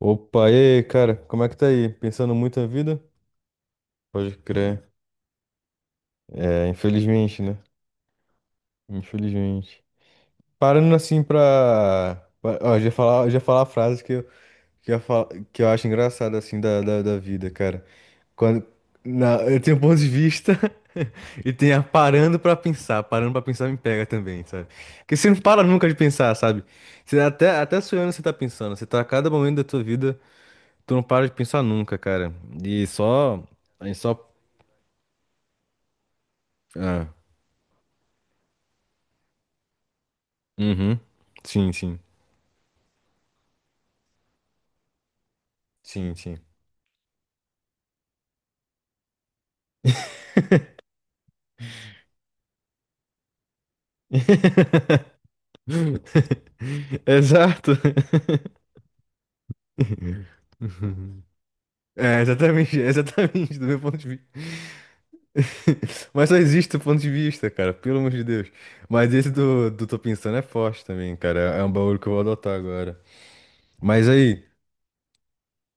Opa, e aí, cara, como é que tá aí? Pensando muito na vida? Pode crer. É, infelizmente, né? Infelizmente. Parando assim pra. Ó, já falar a frase que eu, fa, que eu acho engraçada, assim, da vida, cara. Quando. Na... Eu tenho ponto de vista e tenho a parando pra pensar. Parando pra pensar me pega também, sabe? Porque você não para nunca de pensar, sabe? Você até, até sonhando você tá pensando. Você tá a cada momento da tua vida, tu não para de pensar nunca, cara. E só. A gente só ah uhum. Sim, sim. Sim, sim. Exato. Uhum. É, exatamente, exatamente, do meu ponto de vista. Mas só existe o ponto de vista, cara, pelo amor de Deus. Mas esse do Tô Pensando é forte também, cara. É um bagulho que eu vou adotar agora. Mas aí,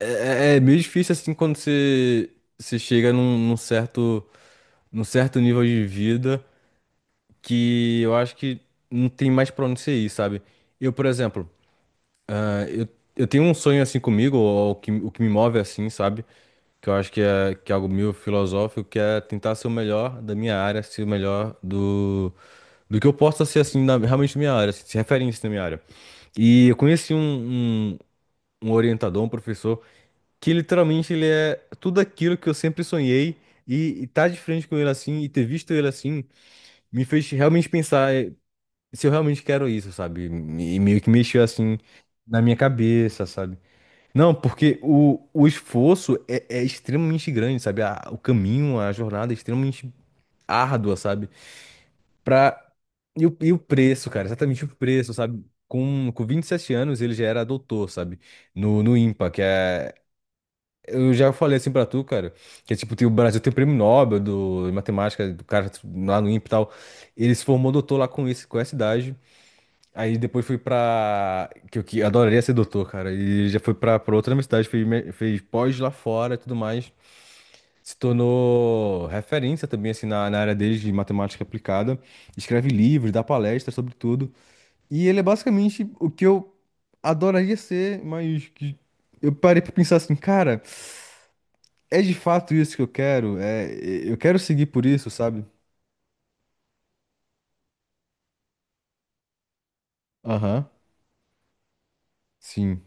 é meio difícil assim quando você, você chega num certo, num certo nível de vida que eu acho que não tem mais pra onde você ir, sabe? Eu, por exemplo. Ah, eu, eu tenho um sonho assim comigo, ou o que me move assim, sabe? Que eu acho que é algo meio filosófico, que é tentar ser o melhor da minha área, ser o melhor do, do que eu possa ser assim, na, realmente na minha área, assim, ser referência na minha área. E eu conheci um orientador, um professor, que literalmente ele é tudo aquilo que eu sempre sonhei, e estar tá de frente com ele assim, e ter visto ele assim, me fez realmente pensar se eu realmente quero isso, sabe? E meio que mexeu assim na minha cabeça, sabe? Não, porque o esforço é extremamente grande, sabe? O caminho, a jornada é extremamente árdua, sabe? Pra... E o preço, cara, exatamente o preço, sabe? Com 27 anos ele já era doutor, sabe? No IMPA, que é. Eu já falei assim pra tu, cara, que é tipo, tem, o Brasil tem o prêmio Nobel do, de matemática, do cara lá no IMPA e tal. Ele se formou doutor lá com, esse, com essa idade. Aí depois fui pra. Que eu que adoraria ser doutor, cara. E já fui pra, pra outra universidade, fez, fez pós lá fora e tudo mais. Se tornou referência também, assim, na, na área dele de matemática aplicada. Escreve livros, dá palestras sobre tudo. E ele é basicamente o que eu adoraria ser, mas que eu parei pra pensar assim, cara, é de fato isso que eu quero? É, eu quero seguir por isso, sabe? Aham, sim.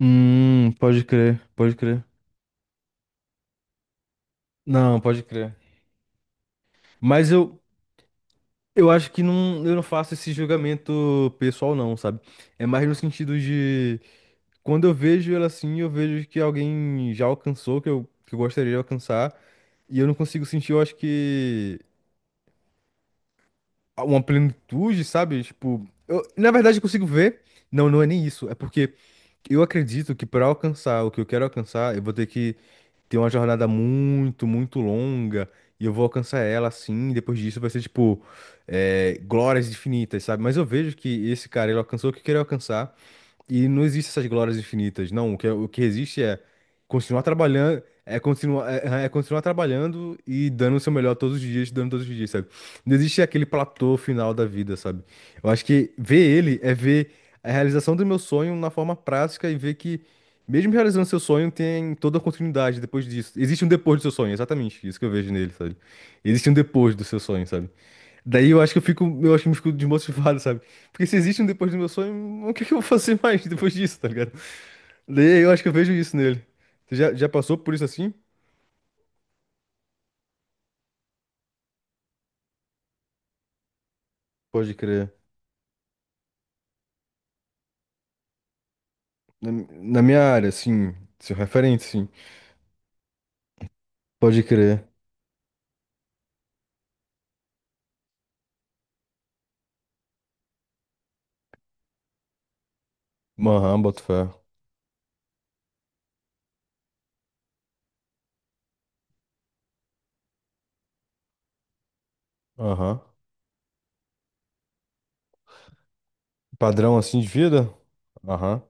Pode crer, pode crer. Não, pode crer. Mas eu, Eu acho que não, eu não faço esse julgamento pessoal, não, sabe? É mais no sentido de quando eu vejo ela assim, eu vejo que alguém já alcançou, que eu gostaria de alcançar, e eu não consigo sentir, eu acho que uma plenitude, sabe? Tipo, eu, na verdade eu consigo ver. Não, não é nem isso. É porque eu acredito que para alcançar o que eu quero alcançar, eu vou ter que tem uma jornada muito longa e eu vou alcançar ela assim. E depois disso vai ser tipo glórias infinitas, sabe? Mas eu vejo que esse cara ele alcançou o que queria alcançar e não existe essas glórias infinitas, não. O que, o que existe é continuar trabalhando, é continuar, é continuar trabalhando e dando o seu melhor todos os dias, dando todos os dias, sabe? Não existe aquele platô final da vida, sabe? Eu acho que ver ele é ver a realização do meu sonho na forma prática e ver que, mesmo realizando seu sonho, tem toda a continuidade depois disso. Existe um depois do seu sonho, exatamente isso que eu vejo nele, sabe? Existe um depois do seu sonho, sabe? Daí eu acho que eu fico, eu acho que eu fico desmotivado, sabe? Porque se existe um depois do meu sonho, o que que eu vou fazer mais depois disso, tá ligado? Daí eu acho que eu vejo isso nele. Você já passou por isso assim? Pode crer. Na, na minha área, sim. Seu referente, sim. Pode crer. Aham, boto fé. Aham. Padrão assim de vida? Aham.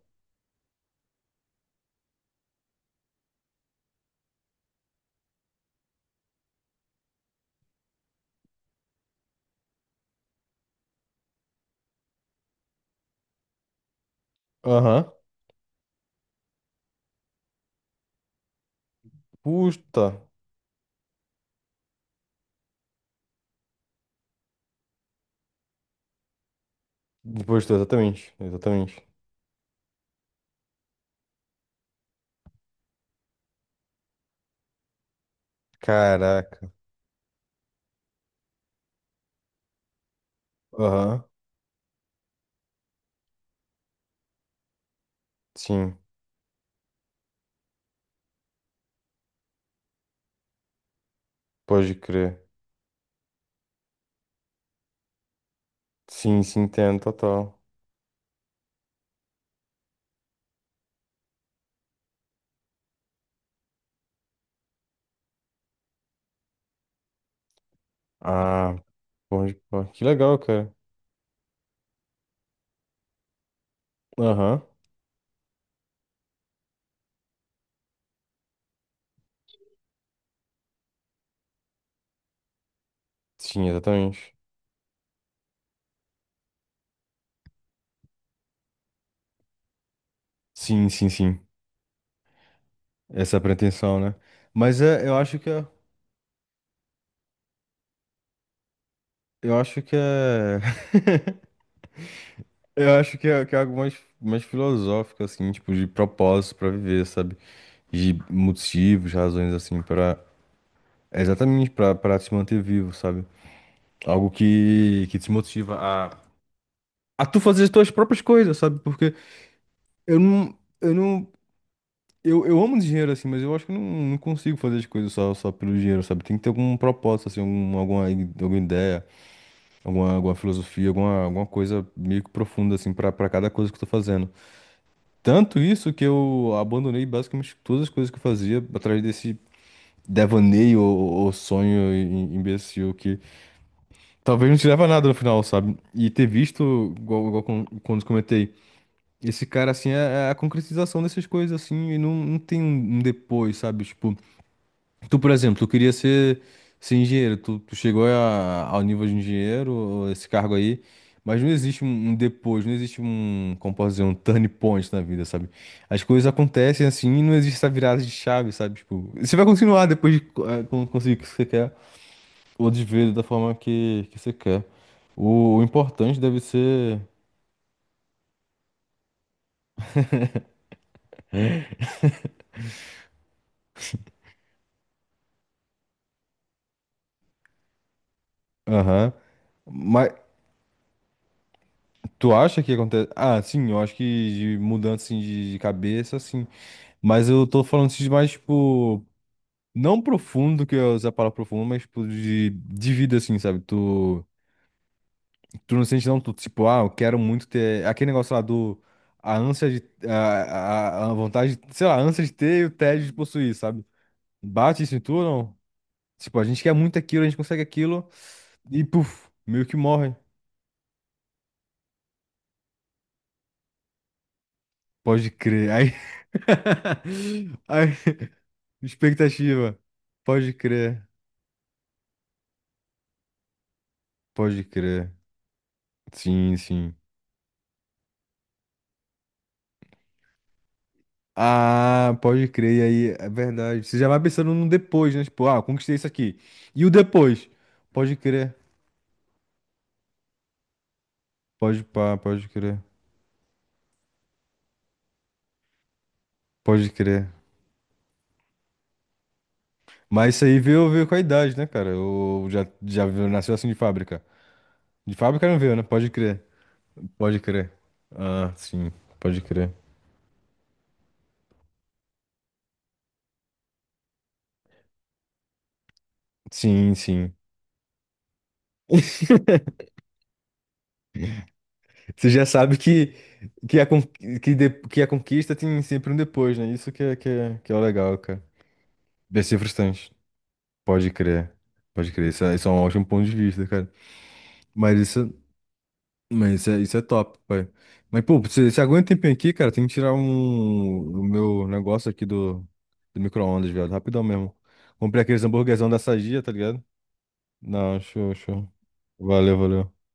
Aham. Puta. Depois do, exatamente. Exatamente. Caraca. Aham. Sim. Pode crer. Sim, sim, entendo, total. Ah, pode, pô, que legal, cara. Aham. Sim, exatamente. Sim, sim, sim. Essa é a pretensão, né? Mas é, eu acho que é, eu acho que é, eu acho que é algo mais, mais filosófico, assim, tipo, de propósito pra viver, sabe? De motivos, razões, assim, pra, é exatamente pra, pra se manter vivo, sabe? Algo que te motiva a tu fazer as tuas próprias coisas, sabe? Porque eu não, eu não Eu, eu amo dinheiro, assim, mas eu acho que eu não, não consigo fazer as coisas só, só pelo dinheiro, sabe? Tem que ter algum propósito, assim, algum, alguma, alguma ideia, alguma, alguma filosofia, alguma, alguma coisa meio que profunda, assim, pra, pra cada coisa que eu tô fazendo. Tanto isso que eu abandonei basicamente todas as coisas que eu fazia atrás desse devaneio ou sonho imbecil que talvez não te leva a nada no final, sabe? E ter visto, igual, quando comentei, esse cara, assim, é é a concretização dessas coisas, assim, e não, não tem um um depois, sabe? Tipo. Tu, por exemplo, ser engenheiro, tu, tu chegou ao nível de engenheiro, ou esse cargo aí, mas não existe um, um depois, não existe um, como posso dizer, um turning point na vida, sabe? As coisas acontecem assim e não existe essa virada de chave, sabe? Tipo, você vai continuar depois de conseguir o que você quer, ou de ver da forma que você quer. O importante deve ser. Aham. Mas tu acha que acontece? Ah, sim, eu acho que de mudança assim, de cabeça, sim. Mas eu tô falando assim de mais, tipo, não profundo, que eu ia usar a palavra profundo, mas, tipo, de vida, assim, sabe? Tu, tu não sente, não, tu, tipo, ah, eu quero muito ter. Aquele negócio lá do. A ânsia de. A vontade, sei lá, a ânsia de ter e o tédio de possuir, sabe? Bate isso em tu, ou não? Tipo, a gente quer muito aquilo, a gente consegue aquilo e, puf, meio que morre. Pode crer. Aí. Aí. Expectativa. Pode crer. Pode crer. Sim, sim. Ah, pode crer, e aí, é verdade. Você já vai pensando no depois, né? Tipo, ah, eu conquistei isso aqui. E o depois? Pode crer, pode pá, pode crer, pode crer. Mas isso aí veio, veio com a idade, né, cara? Eu já nasceu assim de fábrica. De fábrica não veio, né? Pode crer, pode crer. Ah, sim, pode crer. Sim, sim. Você já sabe que, a, con- que a conquista tem sempre um depois, né? Isso que é o legal, cara. Deve ser frustrante. Pode crer, pode crer. Isso é um ótimo ponto de vista, cara. Mas isso, isso é top, pai. Mas, pô, você, você aguenta um tempinho aqui, cara? Tem que tirar um, o meu negócio aqui do, do micro-ondas, viado. Rapidão mesmo. Comprei aqueles hamburguesão da Sadia, tá ligado? Não, show, show. Valeu, valeu.